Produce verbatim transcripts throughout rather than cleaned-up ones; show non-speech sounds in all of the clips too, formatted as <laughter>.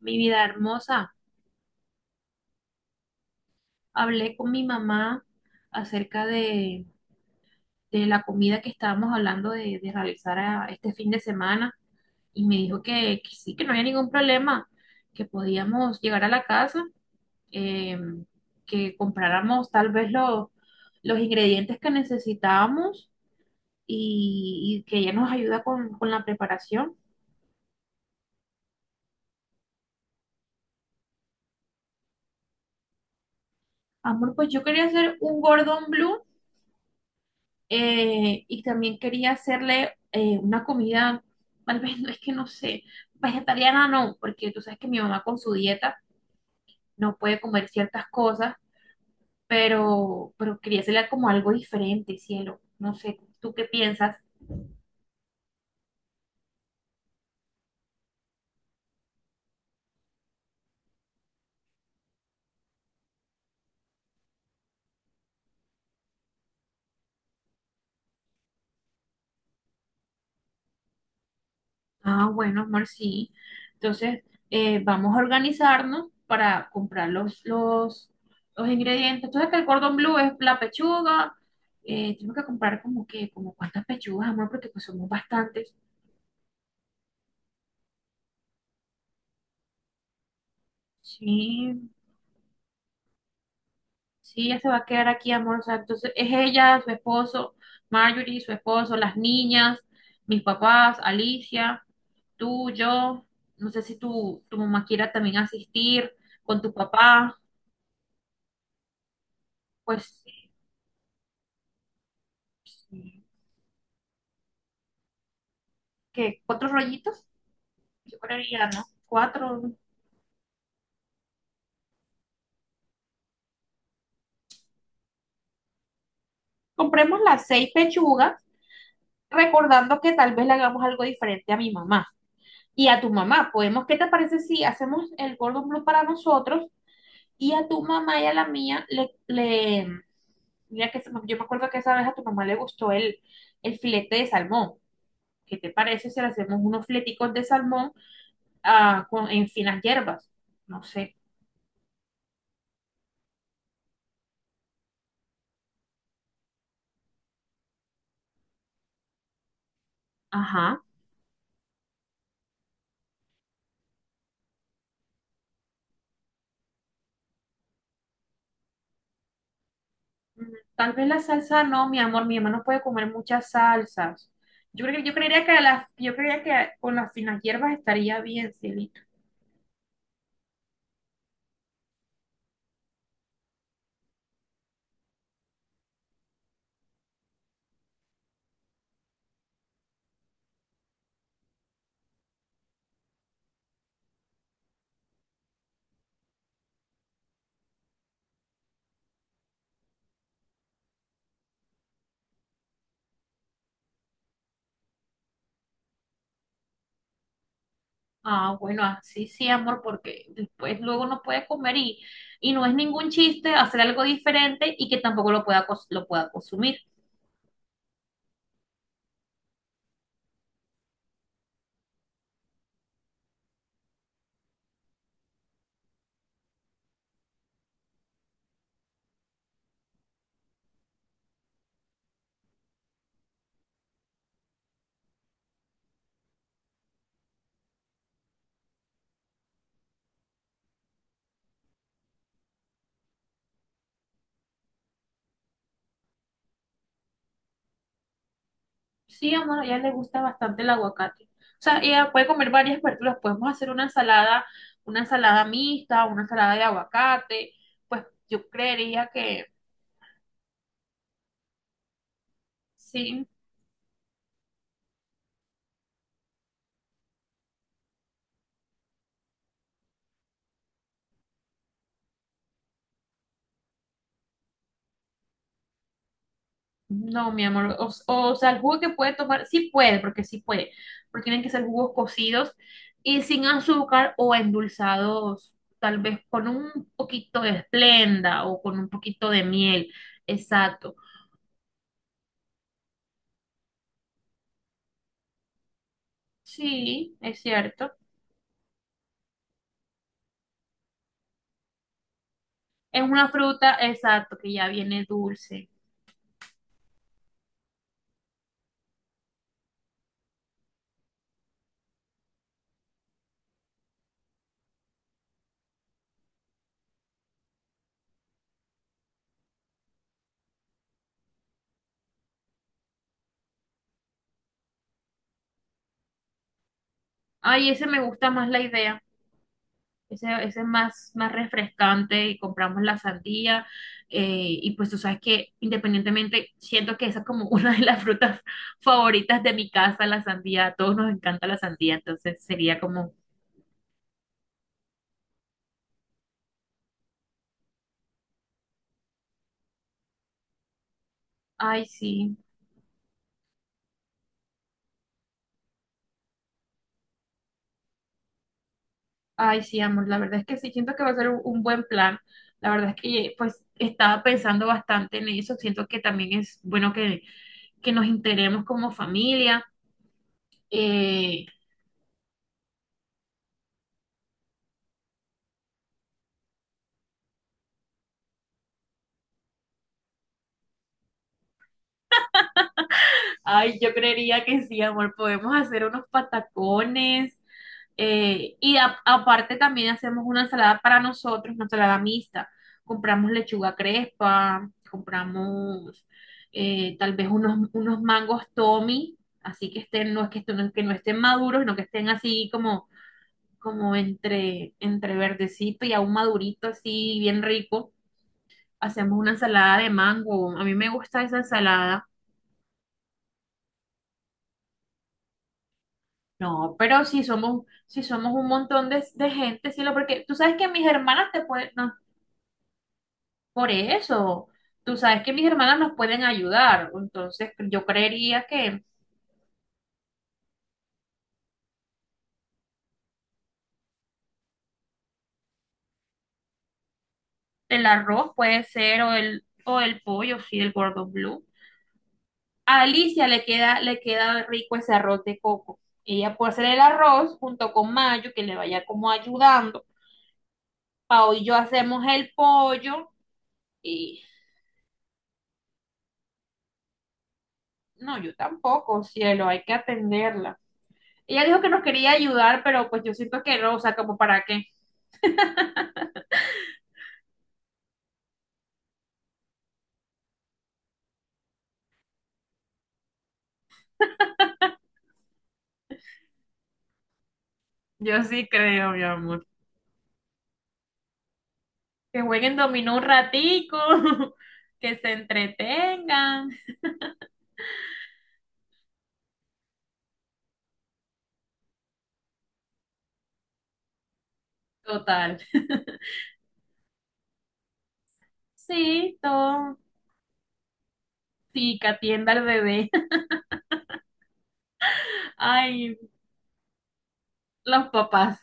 Mi vida hermosa, hablé con mi mamá acerca de, de la comida que estábamos hablando de, de realizar a- este fin de semana y me dijo que, que sí, que no había ningún problema, que podíamos llegar a la casa, eh, que compráramos tal vez los, los ingredientes que necesitábamos y, y que ella nos ayuda con, con la preparación. Amor, pues yo quería hacer un Gordon Blue. Eh, y también quería hacerle eh, una comida, tal vez <laughs> no es que no sé, vegetariana no, porque tú sabes que mi mamá con su dieta no puede comer ciertas cosas, pero, pero quería hacerle como algo diferente, cielo. No sé, ¿tú qué piensas? Ah, bueno, amor, sí. Entonces, eh, vamos a organizarnos para comprar los, los, los ingredientes. Entonces que el cordón blue es la pechuga. Eh, tengo que comprar como que, como cuántas pechugas, amor, porque pues somos bastantes. Sí, sí, ella se va a quedar aquí, amor. O sea, entonces es ella, su esposo, Marjorie, su esposo, las niñas, mis papás, Alicia, tú, yo. No sé si tu, tu mamá quiera también asistir con tu papá. Pues, sí. ¿Qué? ¿Cuatro rollitos? Yo creería, ¿no? Cuatro. Compremos las seis pechugas, recordando que tal vez le hagamos algo diferente a mi mamá y a tu mamá. Podemos, ¿qué te parece si hacemos el Gordon Blue para nosotros? Y a tu mamá y a la mía le, le mira que yo me acuerdo que esa vez a tu mamá le gustó el, el filete de salmón. ¿Qué te parece si le hacemos unos fleticos de salmón, ah, con, en finas hierbas? No sé. Ajá. Mm, tal vez la salsa no, mi amor, mi mamá no puede comer muchas salsas. Yo creo, que yo creería que a las, yo creería que con las finas hierbas estaría bien, Celine. Ah, bueno, así sí, amor, porque después luego no puede comer y, y no es ningún chiste hacer algo diferente y que tampoco lo pueda, cos- lo pueda consumir. Sí, amor, a ella le gusta bastante el aguacate. O sea, ella puede comer varias verduras. Podemos hacer una ensalada, una ensalada mixta, una ensalada de aguacate. Pues yo creería que sí. No, mi amor, o, o sea, el jugo que puede tomar, sí puede, porque sí puede, pero tienen que ser jugos cocidos y sin azúcar o endulzados, tal vez con un poquito de esplenda o con un poquito de miel, exacto. Sí, es cierto. Es una fruta, exacto, que ya viene dulce. Ay, ese me gusta más la idea. Ese, ese es más, más refrescante y compramos la sandía. eh, y pues tú sabes que independientemente, siento que esa es como <laughs> una de las frutas favoritas de mi casa, la sandía. A todos nos encanta la sandía, entonces sería como, ay sí, ay sí, amor, la verdad es que sí, siento que va a ser un, un buen plan. La verdad es que pues estaba pensando bastante en eso, siento que también es bueno que, que nos integremos como familia. eh, Ay, yo creería que sí, amor, podemos hacer unos patacones. Eh, y a- aparte también hacemos una ensalada para nosotros, una ensalada mixta. Compramos lechuga crespa, compramos eh, tal vez unos, unos mangos Tommy, así que estén, no es que, estén- no es que no estén maduros, sino que estén así como, como entre, entre verdecito y aún madurito, así bien rico. Hacemos una ensalada de mango. A mí me gusta esa ensalada. No, pero si somos, si somos un montón de, de gente, sí, lo- porque tú sabes que mis hermanas te pueden, no. Por eso, tú sabes que mis hermanas nos pueden ayudar, entonces yo creería que el arroz puede ser o el, o el pollo, sí, el Gordon Blue. A Alicia le queda, le queda rico ese arroz de coco. Ella puede hacer el arroz junto con Mayo, que le vaya como ayudando. Pao y yo hacemos el pollo y no, yo tampoco, cielo, hay que atenderla. Ella dijo que nos quería ayudar, pero pues yo siento que no, o sea, como para qué. Yo sí creo, mi amor. Que jueguen dominó un ratico, <laughs> que se entretengan. Total. Sí, todo. Sí, que atienda al bebé. <laughs> Ay, los papás.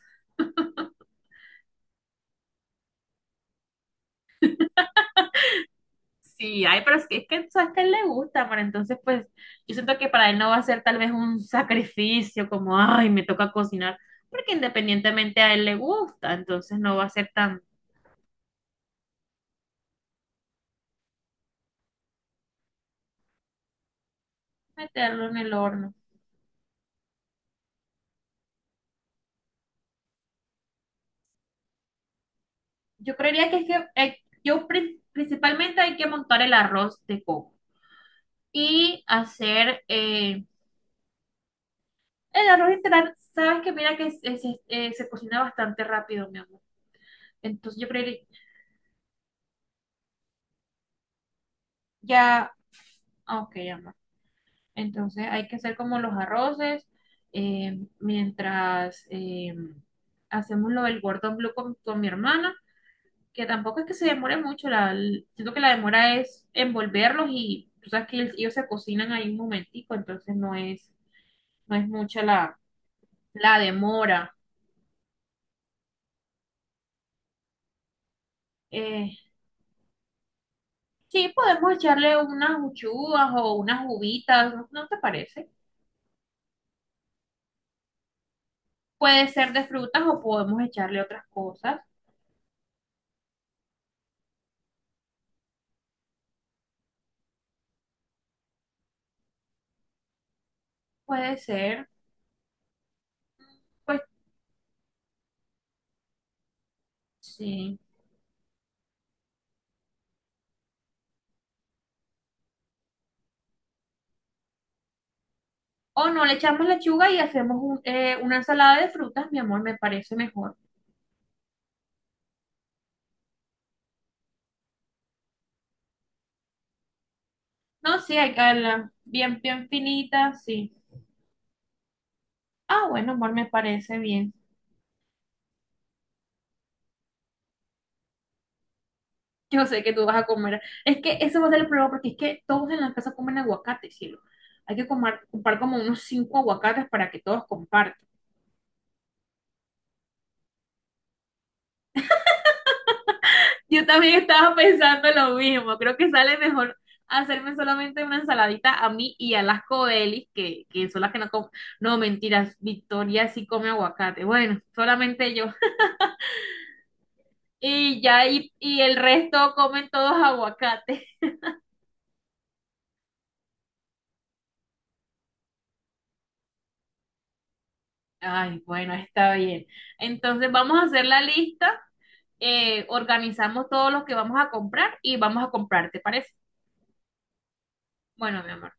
Sí, ay, pero es que, es que tú sabes que a él le gusta, pero entonces pues yo siento que para él no va a ser tal vez un sacrificio como, ay, me toca cocinar, porque independientemente a él le gusta, entonces no va a ser tan meterlo en el horno. Yo creería que es que eh, yo pri- principalmente hay que montar el arroz de coco. Y hacer eh, el arroz integral. Sabes que mira que se se eh, se cocina bastante rápido, mi amor. Entonces yo creo que ya, ah, ok, amor. Entonces hay que hacer como los arroces, eh, mientras eh, hacemos lo del gordón blue con, con mi hermana, que tampoco es que se demore mucho. La, el- siento que la demora es envolverlos y tú sabes que ellos se cocinan ahí un momentico, entonces no es, no es mucha la, la demora. Eh, Sí, podemos echarle unas uchuvas o unas uvitas, ¿no, no te parece? Puede ser de frutas o podemos echarle otras cosas. Puede ser, pues sí. O no, le echamos lechuga y hacemos un- eh, una ensalada de frutas, mi amor, me parece mejor. No, sí, hay que hacerla bien, bien finita, sí. Ah, bueno, amor, me parece bien. Yo sé que tú vas a comer. Es que eso va a ser el problema porque es que todos en la casa comen aguacate, cielo. Hay que comer, comprar como unos cinco aguacates para que todos compartan. Yo también estaba pensando lo mismo. Creo que sale mejor hacerme solamente una ensaladita a mí y a las coelis, que, que son las que no comen. No, mentiras, Victoria sí come aguacate. Bueno, solamente yo. Y ya, y, y el resto comen todos aguacate. Ay, bueno, está bien. Entonces vamos a hacer la lista, eh, organizamos todos los que vamos a comprar y vamos a comprar, ¿te parece? Bueno, mi amor.